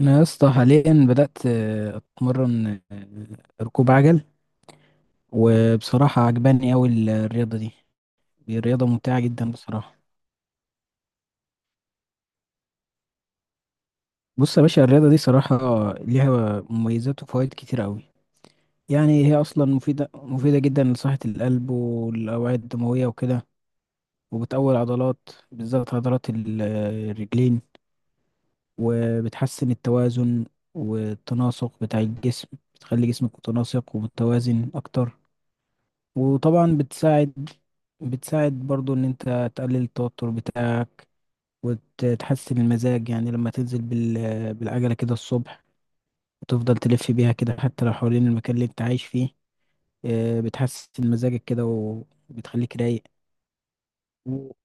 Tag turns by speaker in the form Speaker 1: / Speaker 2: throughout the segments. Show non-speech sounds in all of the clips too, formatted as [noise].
Speaker 1: انا يا اسطى حاليا بدات اتمرن ركوب عجل. وبصراحه عجباني اوي الرياضه دي. دي رياضه ممتعه جدا بصراحه. بص يا باشا، الرياضه دي صراحه ليها مميزات وفوائد كتير اوي. يعني هي اصلا مفيده مفيده جدا لصحه القلب والاوعيه الدمويه وكده. وبتقوي العضلات، بالذات عضلات الرجلين. وبتحسن التوازن والتناسق بتاع الجسم. بتخلي جسمك متناسق ومتوازن اكتر. وطبعا بتساعد. بتساعد برضو ان انت تقلل التوتر بتاعك، وتحسن المزاج. يعني لما تنزل بالعجلة كده الصبح وتفضل تلف بيها كده حتى لو حوالين المكان اللي انت عايش فيه، بتحسن مزاجك كده وبتخليك رايق. و-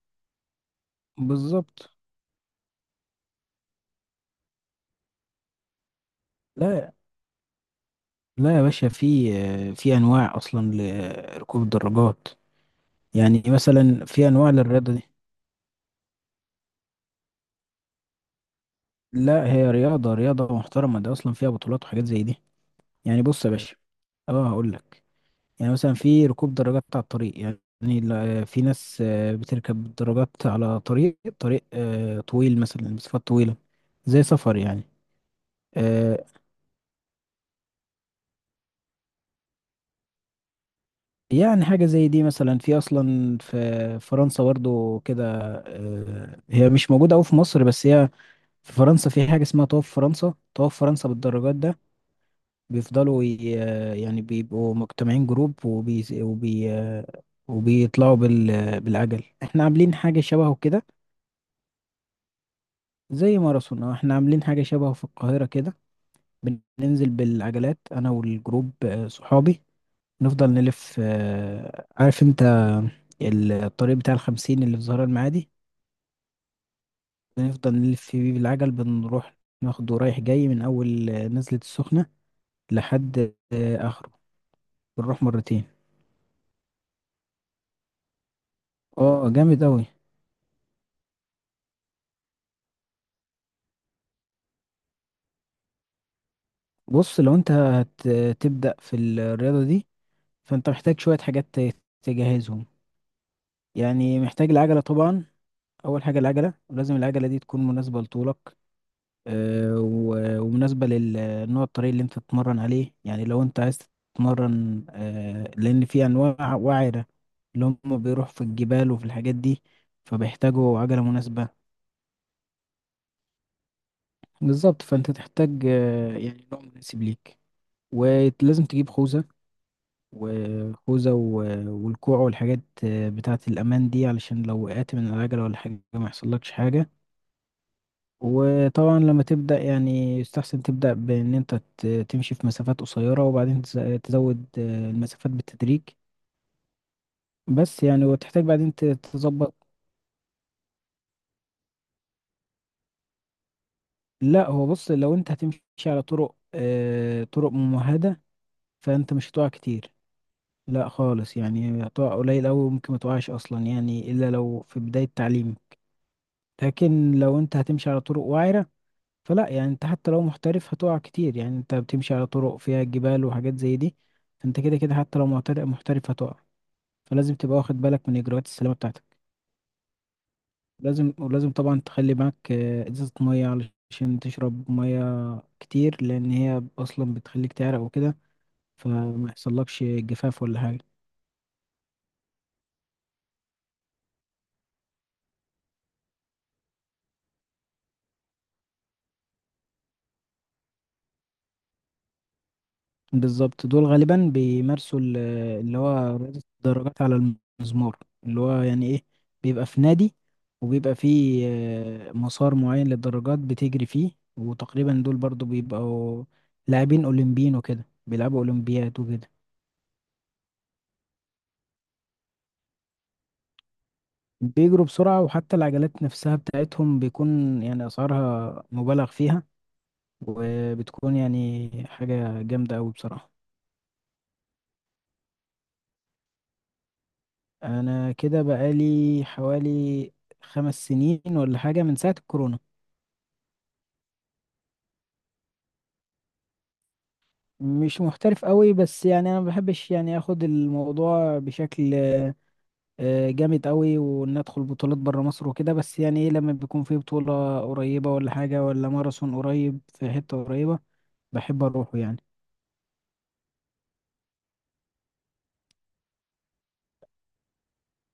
Speaker 1: بالظبط. لا، لا يا باشا، في انواع اصلا لركوب الدراجات. يعني مثلا في انواع للرياضة دي. لا، هي رياضة رياضة محترمة، ده اصلا فيها بطولات وحاجات زي دي. يعني بص يا باشا، اه هقول لك. يعني مثلا في ركوب دراجات على الطريق، يعني في ناس بتركب دراجات على طريق طويل، مثلا مسافات طويلة، زي سفر يعني. آه، يعني حاجة زي دي مثلا، أصلا في فرنسا برضو كده. هي مش موجودة أوي في مصر، بس هي في فرنسا في حاجة اسمها طواف فرنسا، طواف فرنسا بالدراجات ده. بيفضلوا يعني بيبقوا مجتمعين جروب، وبيطلعوا بالعجل. احنا عاملين حاجة شبهه كده، زي ماراثون. احنا عاملين حاجة شبهه في القاهرة كده. بننزل بالعجلات انا والجروب، صحابي، نفضل نلف. عارف انت الطريق بتاع الخمسين اللي في زهراء المعادي؟ بنفضل نلف فيه بالعجل، بنروح ناخده رايح جاي من أول نزلة السخنة لحد آخره. بنروح مرتين. اه، جامد أوي. بص، لو انت هتبدأ في الرياضة دي فانت محتاج شوية حاجات تجهزهم. يعني محتاج العجلة طبعا. اول حاجه العجله، ولازم العجله دي تكون مناسبه لطولك، ومناسبه للنوع الطريق اللي انت تتمرن عليه. يعني لو انت عايز تتمرن، لان في انواع وعره، اللي هم بيروحوا في الجبال وفي الحاجات دي، فبيحتاجوا عجله مناسبه. بالظبط، فانت تحتاج يعني نوع مناسب ليك. ولازم تجيب خوذه. والكوع والحاجات بتاعه الامان دي، علشان لو وقعت من العجله ولا حاجه ما يحصلكش حاجه. وطبعا لما تبدأ يعني يستحسن تبدأ بإن أنت تمشي في مسافات قصيرة، وبعدين تزود المسافات بالتدريج. بس يعني، وتحتاج بعدين تظبط. لا، هو بص، لو أنت هتمشي على طرق ممهدة، فأنت مش هتقع كتير. لا خالص، يعني هتقع قليل أوي، ممكن متقعش أصلا يعني، إلا لو في بداية تعليم. لكن لو أنت هتمشي على طرق وعرة، فلا، يعني انت حتى لو محترف هتقع كتير. يعني انت بتمشي على طرق فيها جبال وحاجات زي دي، فانت كده كده حتى لو محترف محترف هتقع. فلازم تبقى واخد بالك من اجراءات السلامة بتاعتك. لازم، ولازم طبعا تخلي معاك ازازة مية علشان تشرب مية كتير، لان هي اصلا بتخليك تعرق وكده، فما يحصلكش جفاف ولا حاجة. بالظبط، دول غالبا بيمارسوا اللي هو رياضة الدراجات على المزمار، اللي هو يعني ايه، بيبقى في نادي وبيبقى فيه مسار معين للدراجات بتجري فيه. وتقريبا دول برضو بيبقوا لاعبين أولمبيين وكده، بيلعبوا أولمبياد وكده. بيجروا بسرعة، وحتى العجلات نفسها بتاعتهم بيكون يعني أسعارها مبالغ فيها، وبتكون يعني حاجة جامدة أوي بصراحة. انا كده بقالي حوالي 5 سنين ولا حاجة، من ساعة الكورونا. مش محترف قوي، بس يعني انا ما بحبش يعني اخد الموضوع بشكل جامد قوي، وان ادخل بطولات بره مصر وكده. بس يعني ايه، لما بيكون في بطولة قريبة ولا حاجة، ولا ماراثون قريب في حتة قريبة، بحب اروحه يعني.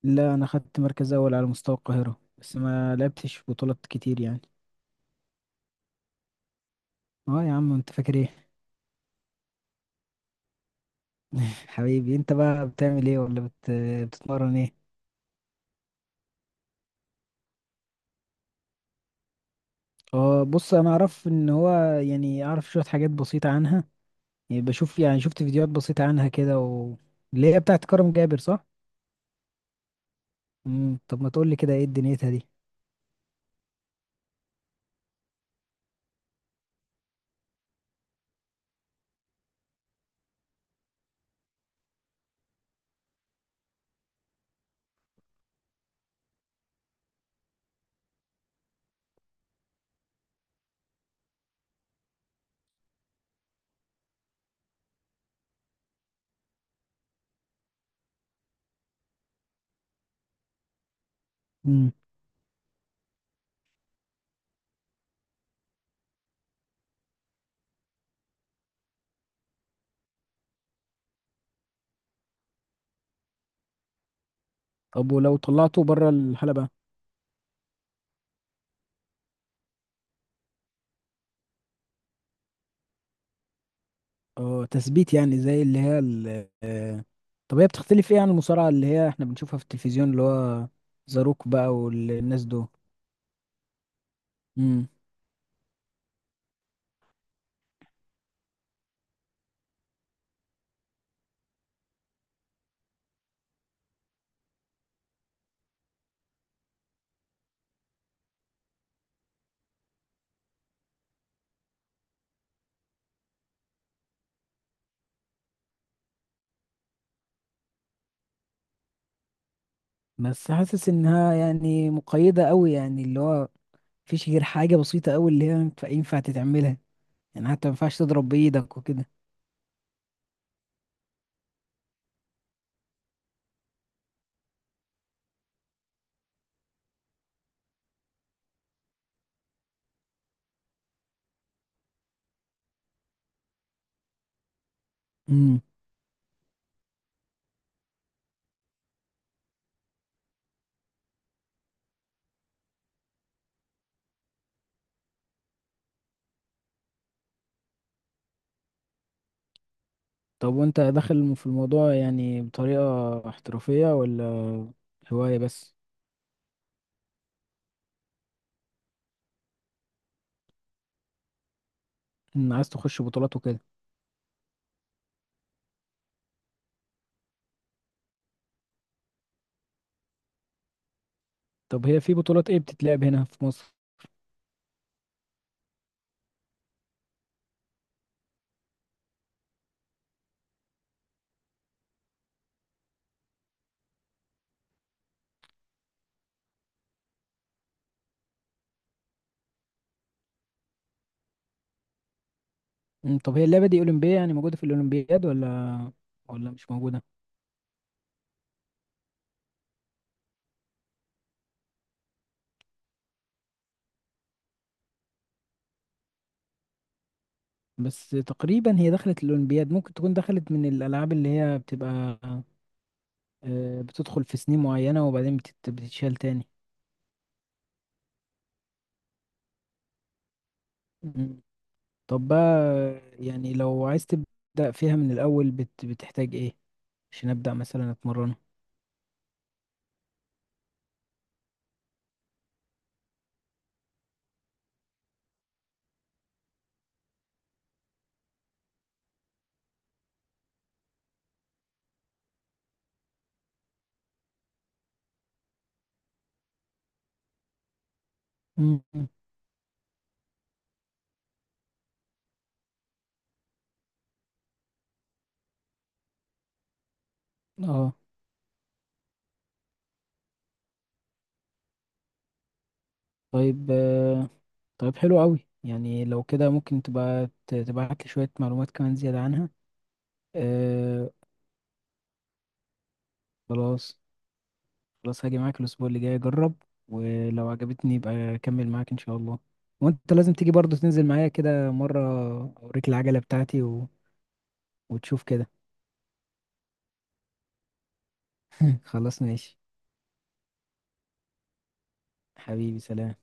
Speaker 1: لا، انا خدت مركز اول على مستوى القاهرة، بس ما لعبتش بطولات كتير يعني. اه يا عم، انت فاكر ايه؟ [laughs] حبيبي، انت بقى بتعمل ايه، ولا بتتمرن ايه؟ اه، بص انا اعرف ان هو، يعني اعرف شويه حاجات بسيطه عنها. يعني يعني شفت فيديوهات بسيطه عنها كده، اللي هي بتاعت كرم جابر، صح؟ طب ما تقول لي كده، ايه دنيتها دي؟ امم طب، ولو طلعته بره الحلبة؟ اه، تثبيت يعني، زي اللي هي طب هي بتختلف ايه عن المصارعة اللي هي احنا بنشوفها في التلفزيون، اللي هو زاروك بقى والناس دول؟ امم بس حاسس انها يعني مقيدة قوي، يعني اللي هو مفيش غير حاجة بسيطة قوي اللي هي ينفع تتعملها. يعني حتى ما ينفعش تضرب بإيدك وكده. امم طب وانت داخل في الموضوع يعني بطريقة احترافية، ولا هواية بس؟ عايز تخش بطولات وكده؟ طب هي في بطولات ايه بتتلعب هنا في مصر؟ طب، هي اللعبة دي أولمبية، يعني موجودة في الأولمبياد، ولا مش موجودة؟ بس تقريبا هي دخلت الأولمبياد، ممكن تكون دخلت من الألعاب اللي هي بتبقى بتدخل في سنين معينة وبعدين بتتشال تاني. امم، طب بقى، يعني لو عايز تبدأ فيها من الأول بتحتاج ايه عشان ابدا مثلا اتمرن؟ مم. اه، طيب. طيب، حلو قوي. يعني لو كده ممكن تبقى تبعت لي شويه معلومات كمان زياده عنها. آه، خلاص. خلاص هاجي معاك الاسبوع اللي جاي اجرب، ولو عجبتني يبقى اكمل معاك ان شاء الله. وانت لازم تيجي برضه تنزل معايا كده مره، اوريك العجله بتاعتي و... وتشوف كده. [laughs] خلاص، ماشي. حبيبي، سلام.